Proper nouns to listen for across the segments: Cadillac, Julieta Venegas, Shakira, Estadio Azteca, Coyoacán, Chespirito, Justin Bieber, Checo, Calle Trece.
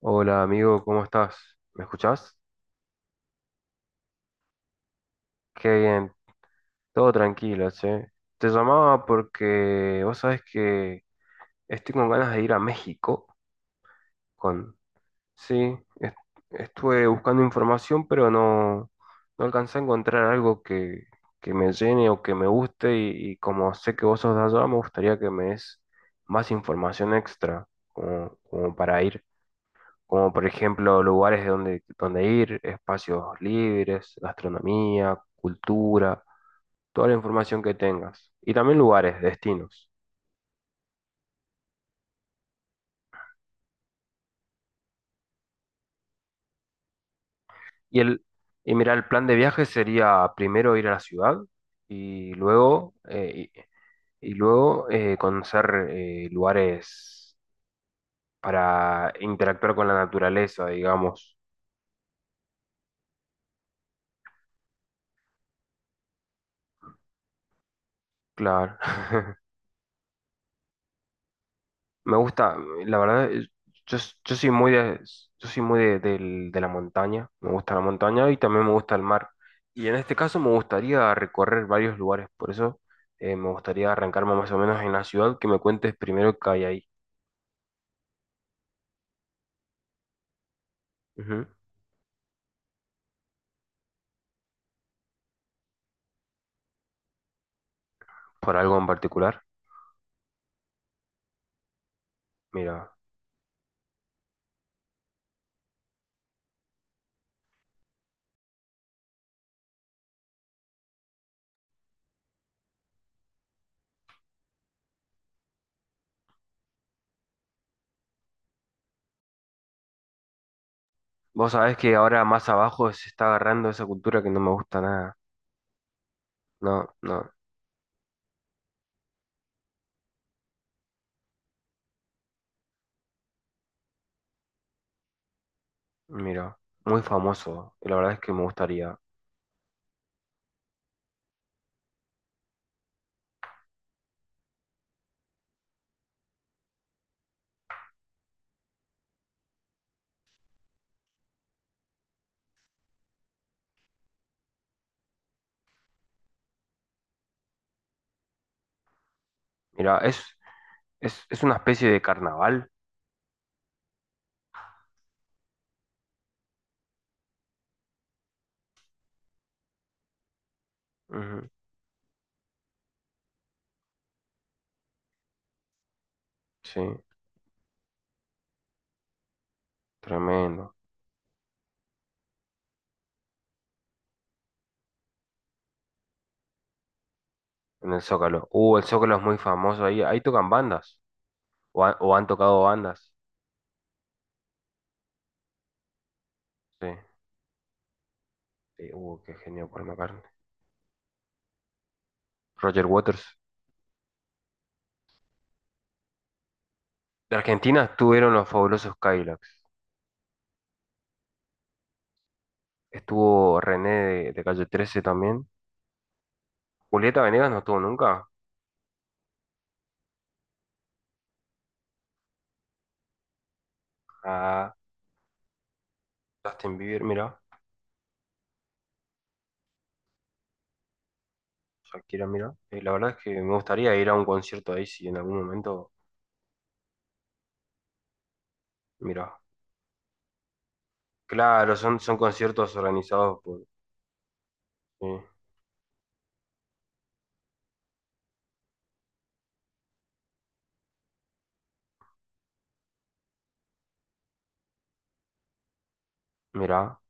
Hola amigo, ¿cómo estás? ¿Me escuchás? Qué bien, todo tranquilo, che. Te llamaba porque vos sabés que estoy con ganas de ir a México. Con... Sí, estuve buscando información, pero no, no alcancé a encontrar algo que me llene o que me guste y como sé que vos sos de allá, me gustaría que me des más información extra como para ir. Como por ejemplo lugares de donde ir, espacios libres, gastronomía, cultura, toda la información que tengas. Y también lugares, destinos. Y, el, y mira, el plan de viaje sería primero ir a la ciudad y luego, y luego conocer lugares para interactuar con la naturaleza, digamos. Claro. Me gusta, la verdad, yo, s- yo soy muy de, yo soy muy de de la montaña, me gusta la montaña y también me gusta el mar. Y en este caso me gustaría recorrer varios lugares, por eso me gustaría arrancarme más o menos en la ciudad, que me cuentes primero qué hay ahí. Ujú. ¿Por algo en particular? Mira, vos sabés que ahora más abajo se está agarrando esa cultura que no me gusta nada. No, no, mira, muy famoso, y la verdad es que me gustaría. Mira, es una especie de carnaval. Ujú. Sí. Tremendo. En el Zócalo. El Zócalo es muy famoso ahí. Ahí tocan bandas. O han tocado bandas. Sí. Sí, uh, qué genio por McCartney. Roger Waters. De Argentina estuvieron los fabulosos Cadillacs. Estuvo René de Calle 13 también. Julieta Venegas no estuvo nunca. Ah, Justin Bieber, mira. Shakira, mira. La verdad es que me gustaría ir a un concierto ahí si en algún momento. Mira. Claro, son, son conciertos organizados por. Sí. Mira.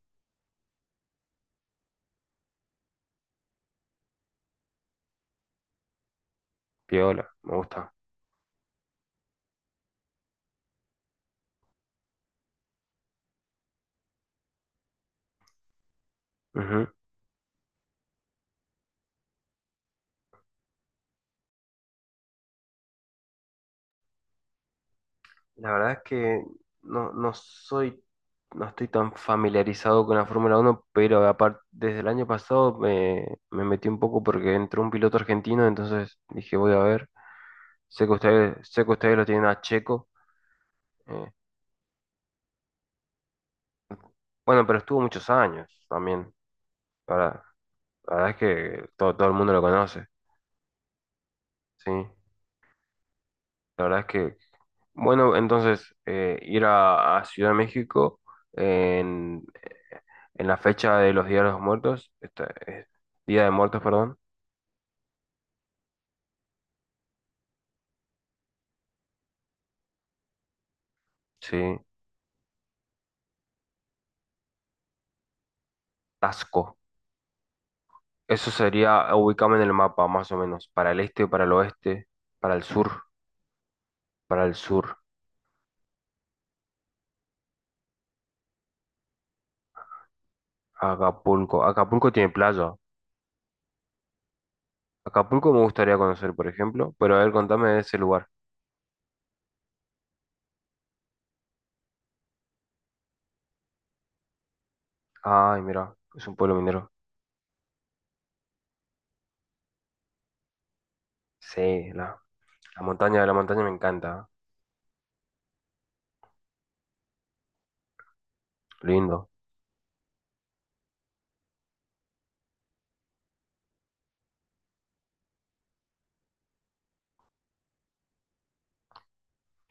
Piola, me gusta. Ujú. La verdad es que no, no soy, no estoy tan familiarizado con la Fórmula Uno pero aparte, desde el año pasado me metí un poco porque entró un piloto argentino, entonces dije, voy a ver. Sé que ustedes lo tienen a Checo. Eh, bueno, pero estuvo muchos años también. Para, la verdad es que todo, todo el mundo lo conoce, ¿sí? La verdad es que, bueno, entonces ir a Ciudad de México, en En la fecha de los Días de los Muertos, Día de Muertos, perdón, sí, Tasco. Eso sería, ubícame en el mapa, más o menos, para el este, para el oeste, para el sur, para el sur. Acapulco. Acapulco tiene playa. Acapulco me gustaría conocer, por ejemplo, pero a ver, contame de ese lugar. Ay, mira, es un pueblo minero. Sí, la montaña me encanta. Lindo.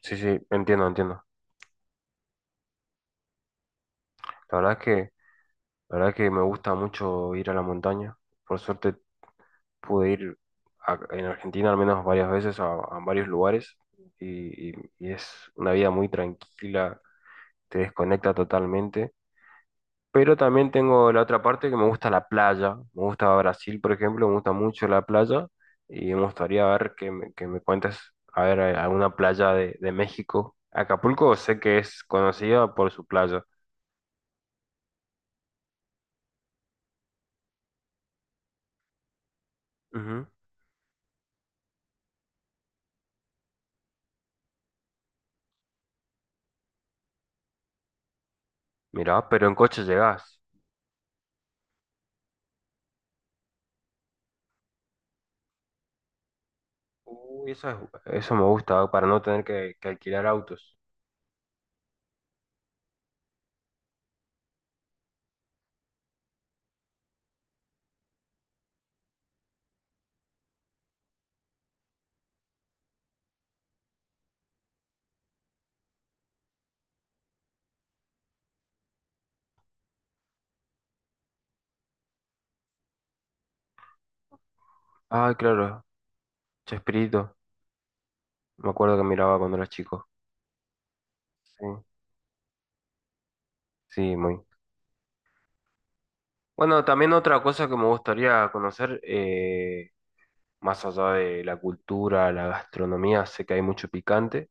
Sí, sí, entiendo, entiendo. La verdad es que, la verdad es que me gusta mucho ir a la montaña. Por suerte pude ir en Argentina al menos varias veces a varios lugares y es una vida muy tranquila, te desconecta totalmente. Pero también tengo la otra parte que me gusta la playa, me gusta Brasil, por ejemplo, me gusta mucho la playa y me gustaría ver que que me cuentes, a ver, alguna playa de México. Acapulco sé que es conocida por su playa. Ujú. Mirá, pero en coche llegás. Uy, eso es- eso me gusta, para no tener que alquilar autos. Ah, claro, Chespirito, me acuerdo que miraba cuando era chico. Sí, sí, muy. Bueno, también otra cosa que me gustaría conocer, más allá de la cultura, la gastronomía, sé que hay mucho picante.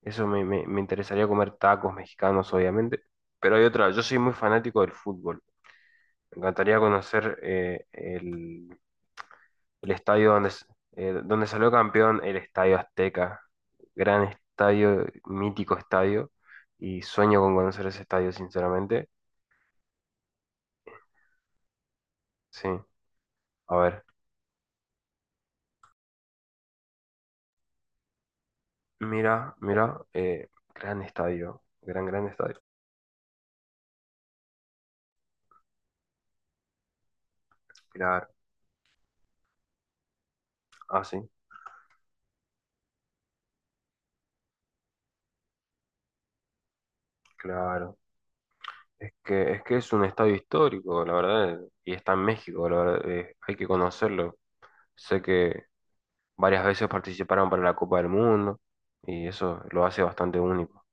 Me interesaría comer tacos mexicanos, obviamente. Pero hay otra, yo soy muy fanático del fútbol. Me encantaría conocer el estadio donde salió campeón, el Estadio Azteca. Gran estadio, mítico estadio. Y sueño con conocer ese estadio, sinceramente. Sí, a ver, gran estadio, gran estadio. Claro, ah, sí, claro. Es que, es que es un estadio histórico, la verdad, y está en México, la verdad, hay que conocerlo. Sé que varias veces participaron para la Copa del Mundo y eso lo hace bastante único.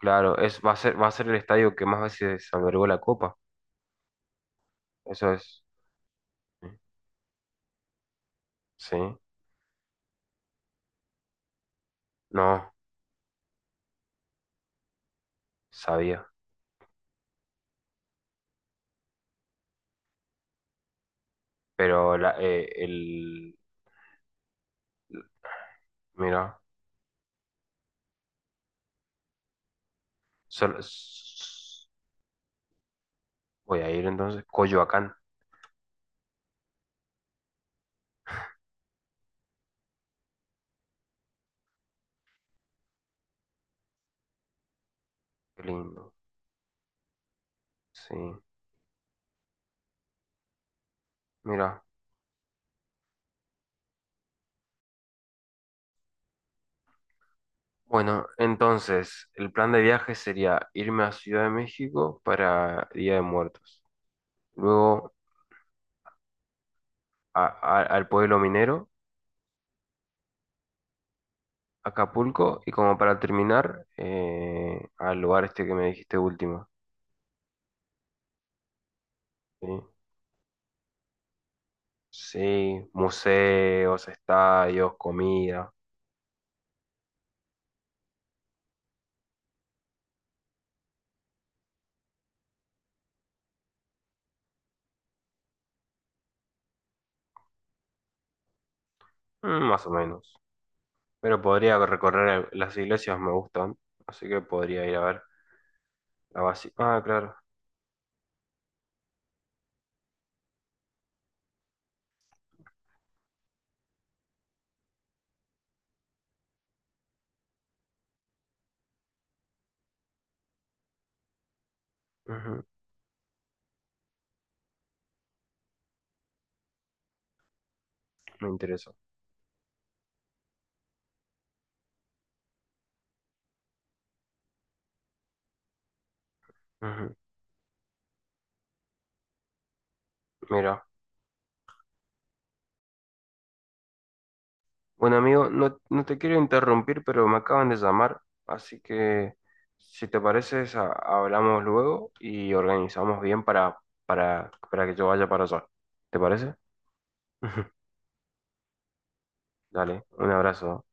Claro, es, va a ser el estadio que más veces albergó la Copa. Eso es, sí, sí. No, sabía. Pero la, eh, el, mira. Solo, voy a ir entonces. Coyoacán. Qué lindo. Sí. Mira. Bueno, entonces, el plan de viaje sería irme a Ciudad de México para Día de Muertos. Luego al pueblo minero, Acapulco. Y como para terminar, al lugar este que me dijiste último. Sí. Sí, museos, estadios, comida. Mm, más o menos. Pero podría recorrer las iglesias, me gustan. Así que podría ir a ver la básica. Ah, claro. Ujú. Me interesa. Ujú. Mira. Bueno, amigo, no, no te quiero interrumpir, pero me acaban de llamar, así que si te parece, hablamos luego y organizamos bien para que yo vaya para allá. ¿Te parece? Dale, un abrazo.